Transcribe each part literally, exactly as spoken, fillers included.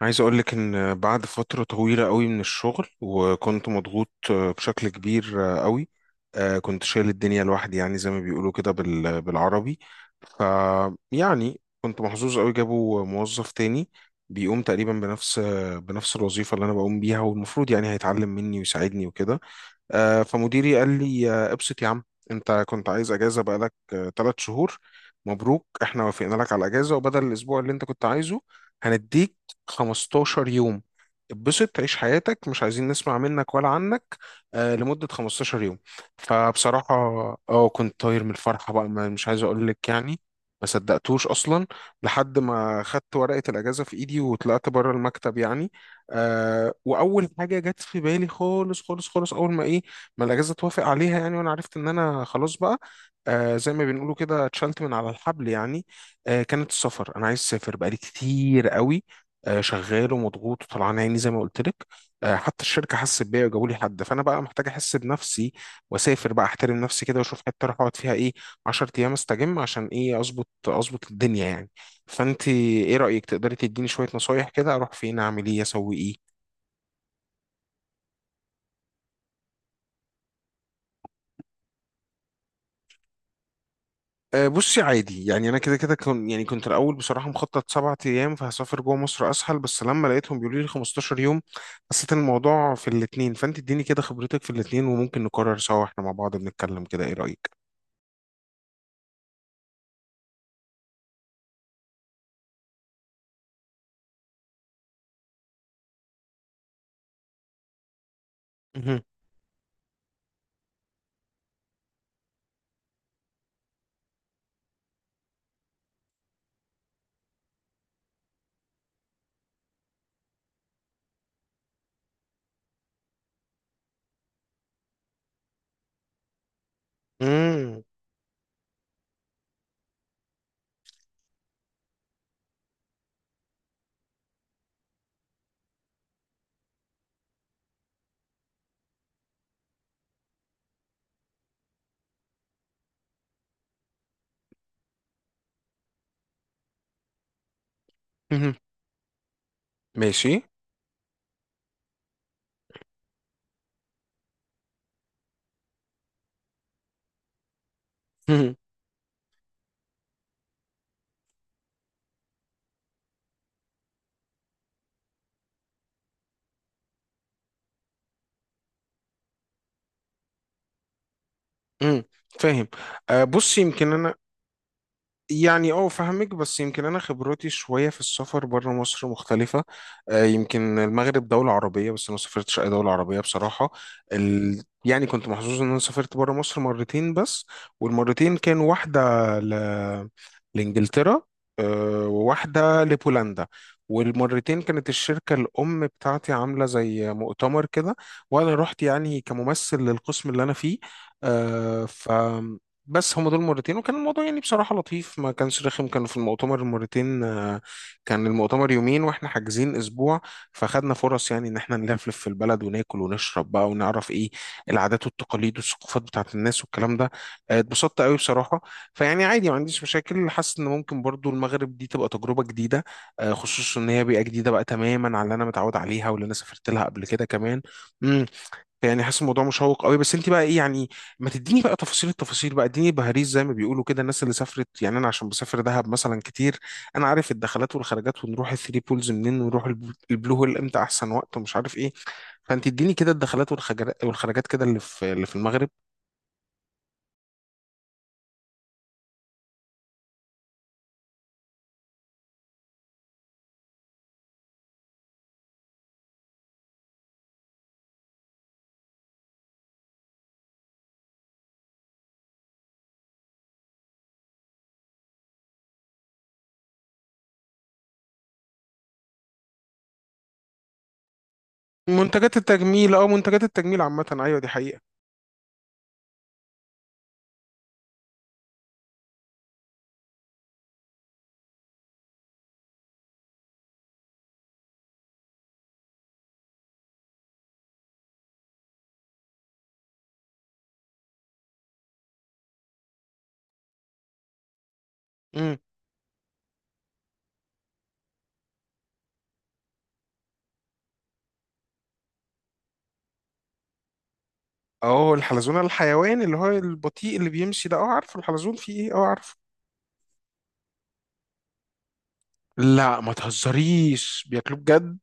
عايز أقولك إن بعد فترة طويلة قوي من الشغل وكنت مضغوط آه، بشكل كبير آه، قوي. آه، كنت شايل الدنيا لوحدي، يعني زي ما بيقولوا كده بال- بالعربي. ف يعني كنت محظوظ قوي، جابوا موظف تاني بيقوم تقريبا بنفس آه، بنفس الوظيفة اللي أنا بقوم بيها، والمفروض يعني هيتعلم مني ويساعدني وكده. آه، فمديري قال لي، آه، ابسط يا عم، انت كنت عايز اجازه بقالك ثلاث شهور. مبروك، احنا وافقنا لك على الاجازه، وبدل الاسبوع اللي انت كنت عايزه هنديك 15 يوم. اتبسط، تعيش حياتك، مش عايزين نسمع منك ولا عنك آه، لمده 15 يوم. فبصراحه اه كنت طاير من الفرحه بقى، ما- مش عايز اقول لك يعني. ما صدقتوش اصلا لحد ما خدت ورقه الاجازه في ايدي وطلعت بره المكتب يعني. آه واول حاجه جت في بالي خالص خالص خالص، اول ما ايه ما الاجازه توافق عليها يعني، وانا عرفت ان انا خلاص بقى آه زي ما بنقولوا كده اتشلت من على الحبل يعني. آه كانت السفر، انا عايز اسافر بقالي كتير قوي. آه شغال ومضغوط وطلعان عيني زي ما قلت لك. آه حتى الشركه حست بيا وجابوا لي حد، فانا بقى محتاج احس بنفسي واسافر بقى، احترم نفسي كده واشوف حته اروح اقعد فيها ايه 10 ايام استجم، عشان ايه، اظبط اظبط الدنيا يعني. فانت ايه رأيك؟ تقدري تديني شوية نصايح كده اروح فين، اعمل ايه، اسوي ايه؟ أه بصي عادي يعني، انا كده كده كن يعني كنت الاول بصراحة مخطط سبعة ايام، فهسافر جوه مصر اسهل، بس لما لقيتهم بيقولوا لي 15 يوم حسيت إن الموضوع في الاتنين، فانت اديني كده خبرتك في الاتنين وممكن نقرر سوا احنا مع بعض بنتكلم كده، ايه رأيك؟ مهم. مم. مهم. ماشي. مهم. مم. فاهم. أه بصي يمكن انا، يعني اه فاهمك، بس يمكن انا خبرتي شويه في السفر بره مصر مختلفه. آه، يمكن المغرب دوله عربيه، بس انا ما سافرتش اي دوله عربيه بصراحه. ال... يعني كنت محظوظ ان انا سافرت بره مصر مرتين بس، والمرتين كان واحده ل... لانجلترا، آه، وواحده لبولندا. والمرتين كانت الشركة الأم بتاعتي عاملة زي مؤتمر كده، وأنا رحت يعني كممثل للقسم اللي أنا فيه. آه، ف بس هما دول مرتين، وكان الموضوع يعني بصراحة لطيف، ما كانش رخم. كانوا في المؤتمر المرتين آه، كان المؤتمر يومين واحنا حاجزين اسبوع، فخدنا فرص يعني ان احنا نلفلف في البلد وناكل ونشرب بقى ونعرف ايه العادات والتقاليد والثقافات بتاعت الناس والكلام ده. آه، اتبسطت قوي بصراحة. فيعني عادي، ما عنديش مشاكل، حاسس ان ممكن برضو المغرب دي تبقى تجربة جديدة، آه، خصوصا ان هي بيئة جديدة بقى تماما على اللي انا متعود عليها واللي انا سافرت لها قبل كده كمان. مم. يعني حاسس الموضوع مشوق قوي، بس انت بقى ايه يعني، ما تديني بقى تفاصيل التفاصيل بقى، اديني بهاريز زي ما بيقولوا كده الناس اللي سافرت يعني. انا عشان بسافر دهب مثلا كتير، انا عارف الدخلات والخرجات، ونروح الثري بولز منين، ونروح الب- البلو هول امتى احسن وقت، ومش عارف ايه. فانت اديني كده الدخلات والخجر- والخرجات كده اللي في اللي في المغرب. منتجات التجميل، اه منتجات التجميل عامة، ايوه دي حقيقة. امم. اه الحلزون الحيوان اللي هو البطيء اللي بيمشي ده، اه عارفه الحلزون، فيه ايه؟ اه عارفه. لا ما تهزريش، بياكلوه بجد؟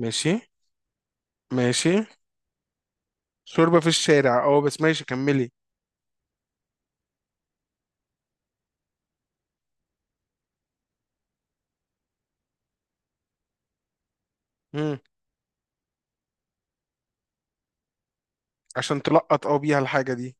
ماشي. ماشي. شوربة في الشارع، اه بس ماشي كملي. مم. عشان تلقط اه بيها الحاجة دي.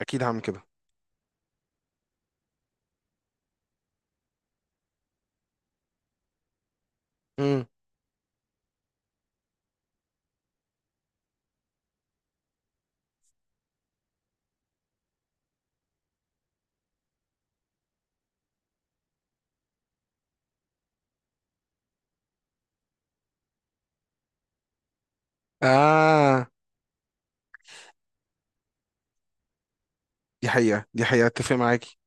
اكيد هعمل كده. مم. اه دي حقيقة، دي حقيقة، اتفق معاكي.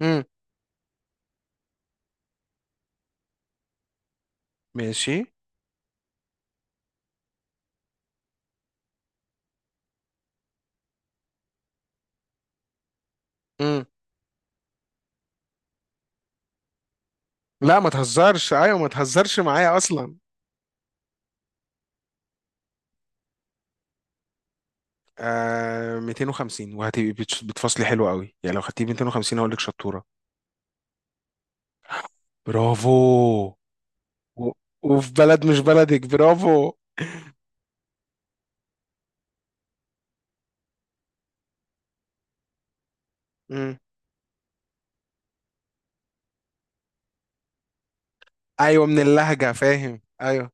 مم. ماشي. مم. لا ما تهزرش، ايوه ما تهزرش معايا اصلا. آه ميتين وخمسين، وهتبقي بتش- بتفصلي حلو قوي يعني، لو خدتي ميتين وخمسين هقول لك شطورة. برافو. و... وفي بلد مش بلدك، برافو. مم. ايوه من اللهجة، فاهم، ايوه.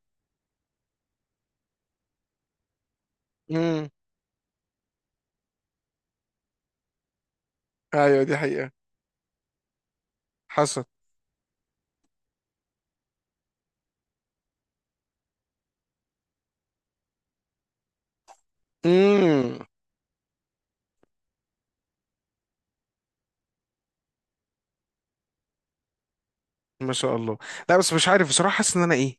مم. ايوه دي حقيقة، حصل. مم. ما شاء الله. لا بس مش عارف بصراحة، حاسس ان انا ايه.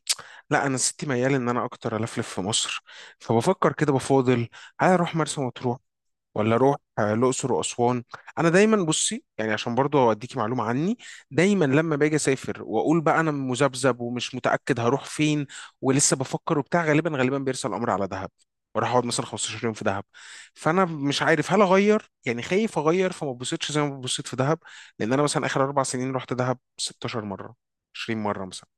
لا انا ستي ميال ان انا اكتر الفلف في مصر، فبفكر كده بفاضل هل اروح مرسى مطروح ولا اروح آه، الاقصر واسوان. انا دايما بصي يعني عشان برضه اديكي معلومه عني، دايما لما باجي اسافر واقول بقى انا مذبذب ومش متاكد هروح فين ولسه بفكر وبتاع، غالبا غالبا بيرسى الامر على دهب. وراح اقعد مثلا 15 يوم في دهب. فانا مش عارف هل اغير، يعني خايف اغير فما اتبسطش زي ما اتبسطت في دهب، لان انا مثلا اخر اربع سنين رحت دهب 16 مره، 20 مره مثلا.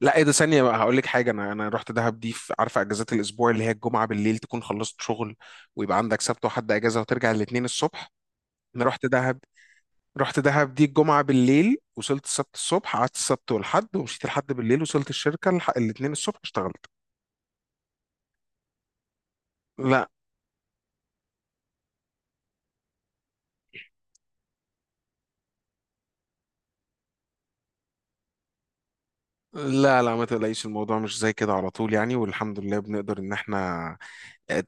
لا ايه ده، ثانية بقى هقول لك حاجة، انا انا رحت دهب دي في، عارفة اجازات الاسبوع اللي هي الجمعة بالليل تكون خلصت شغل، ويبقى عندك سبت وحد اجازة، وترجع الاثنين الصبح. انا رحت دهب. رحت دهب دي الجمعة بالليل، وصلت السبت الصبح، قعدت السبت والحد، ومشيت الحد بالليل، وصلت الشركة الح- الاثنين الصبح اشتغلت. لا لا لا ما تقلقيش، الموضوع مش زي كده على طول يعني، والحمد لله بنقدر ان احنا،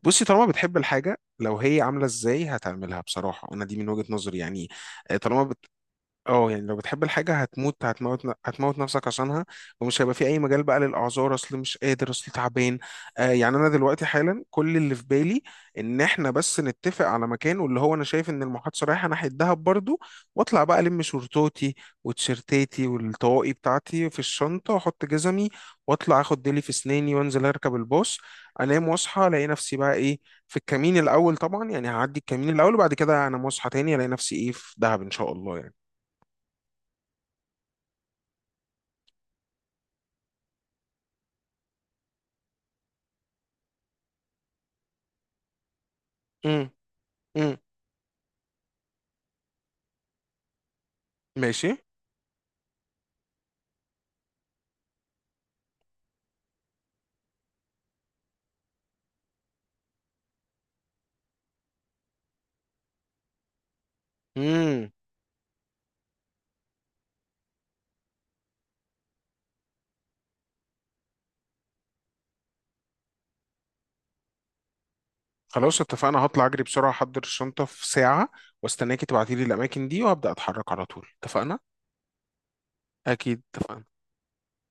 بصي طالما بتحب الحاجة لو هي عاملة ازاي هتعملها بصراحة، انا دي من وجهة نظري يعني. طالما اه يعني لو بتحب الحاجة هتموت، هتموت ن- هتموت نفسك عشانها. ومش هيبقى في أي مجال بقى للأعذار، أصل مش قادر، أصل تعبان. آه يعني أنا دلوقتي حالا كل اللي في بالي إن إحنا بس نتفق على مكان، واللي هو أنا شايف إن المحادثة رايحة ناحية دهب برضو. وأطلع بقى ألم شورتوتي وتيشيرتاتي والطواقي بتاعتي في الشنطة، وأحط جزمي، وأطلع آخد ديلي في أسناني، وأنزل أركب الباص، أنام وأصحى ألاقي نفسي بقى إيه في الكمين الأول، طبعا يعني هعدي الكمين الأول وبعد كده أنا مصحى تاني ألاقي نفسي إيه في دهب إن شاء الله يعني. امم. امم. ماشي. امم. خلاص اتفقنا، هطلع اجري بسرعة احضر الشنطة في ساعة، واستناكي تبعتيلي الاماكن دي وابدأ اتحرك على طول، اتفقنا؟ اكيد، اتفقنا.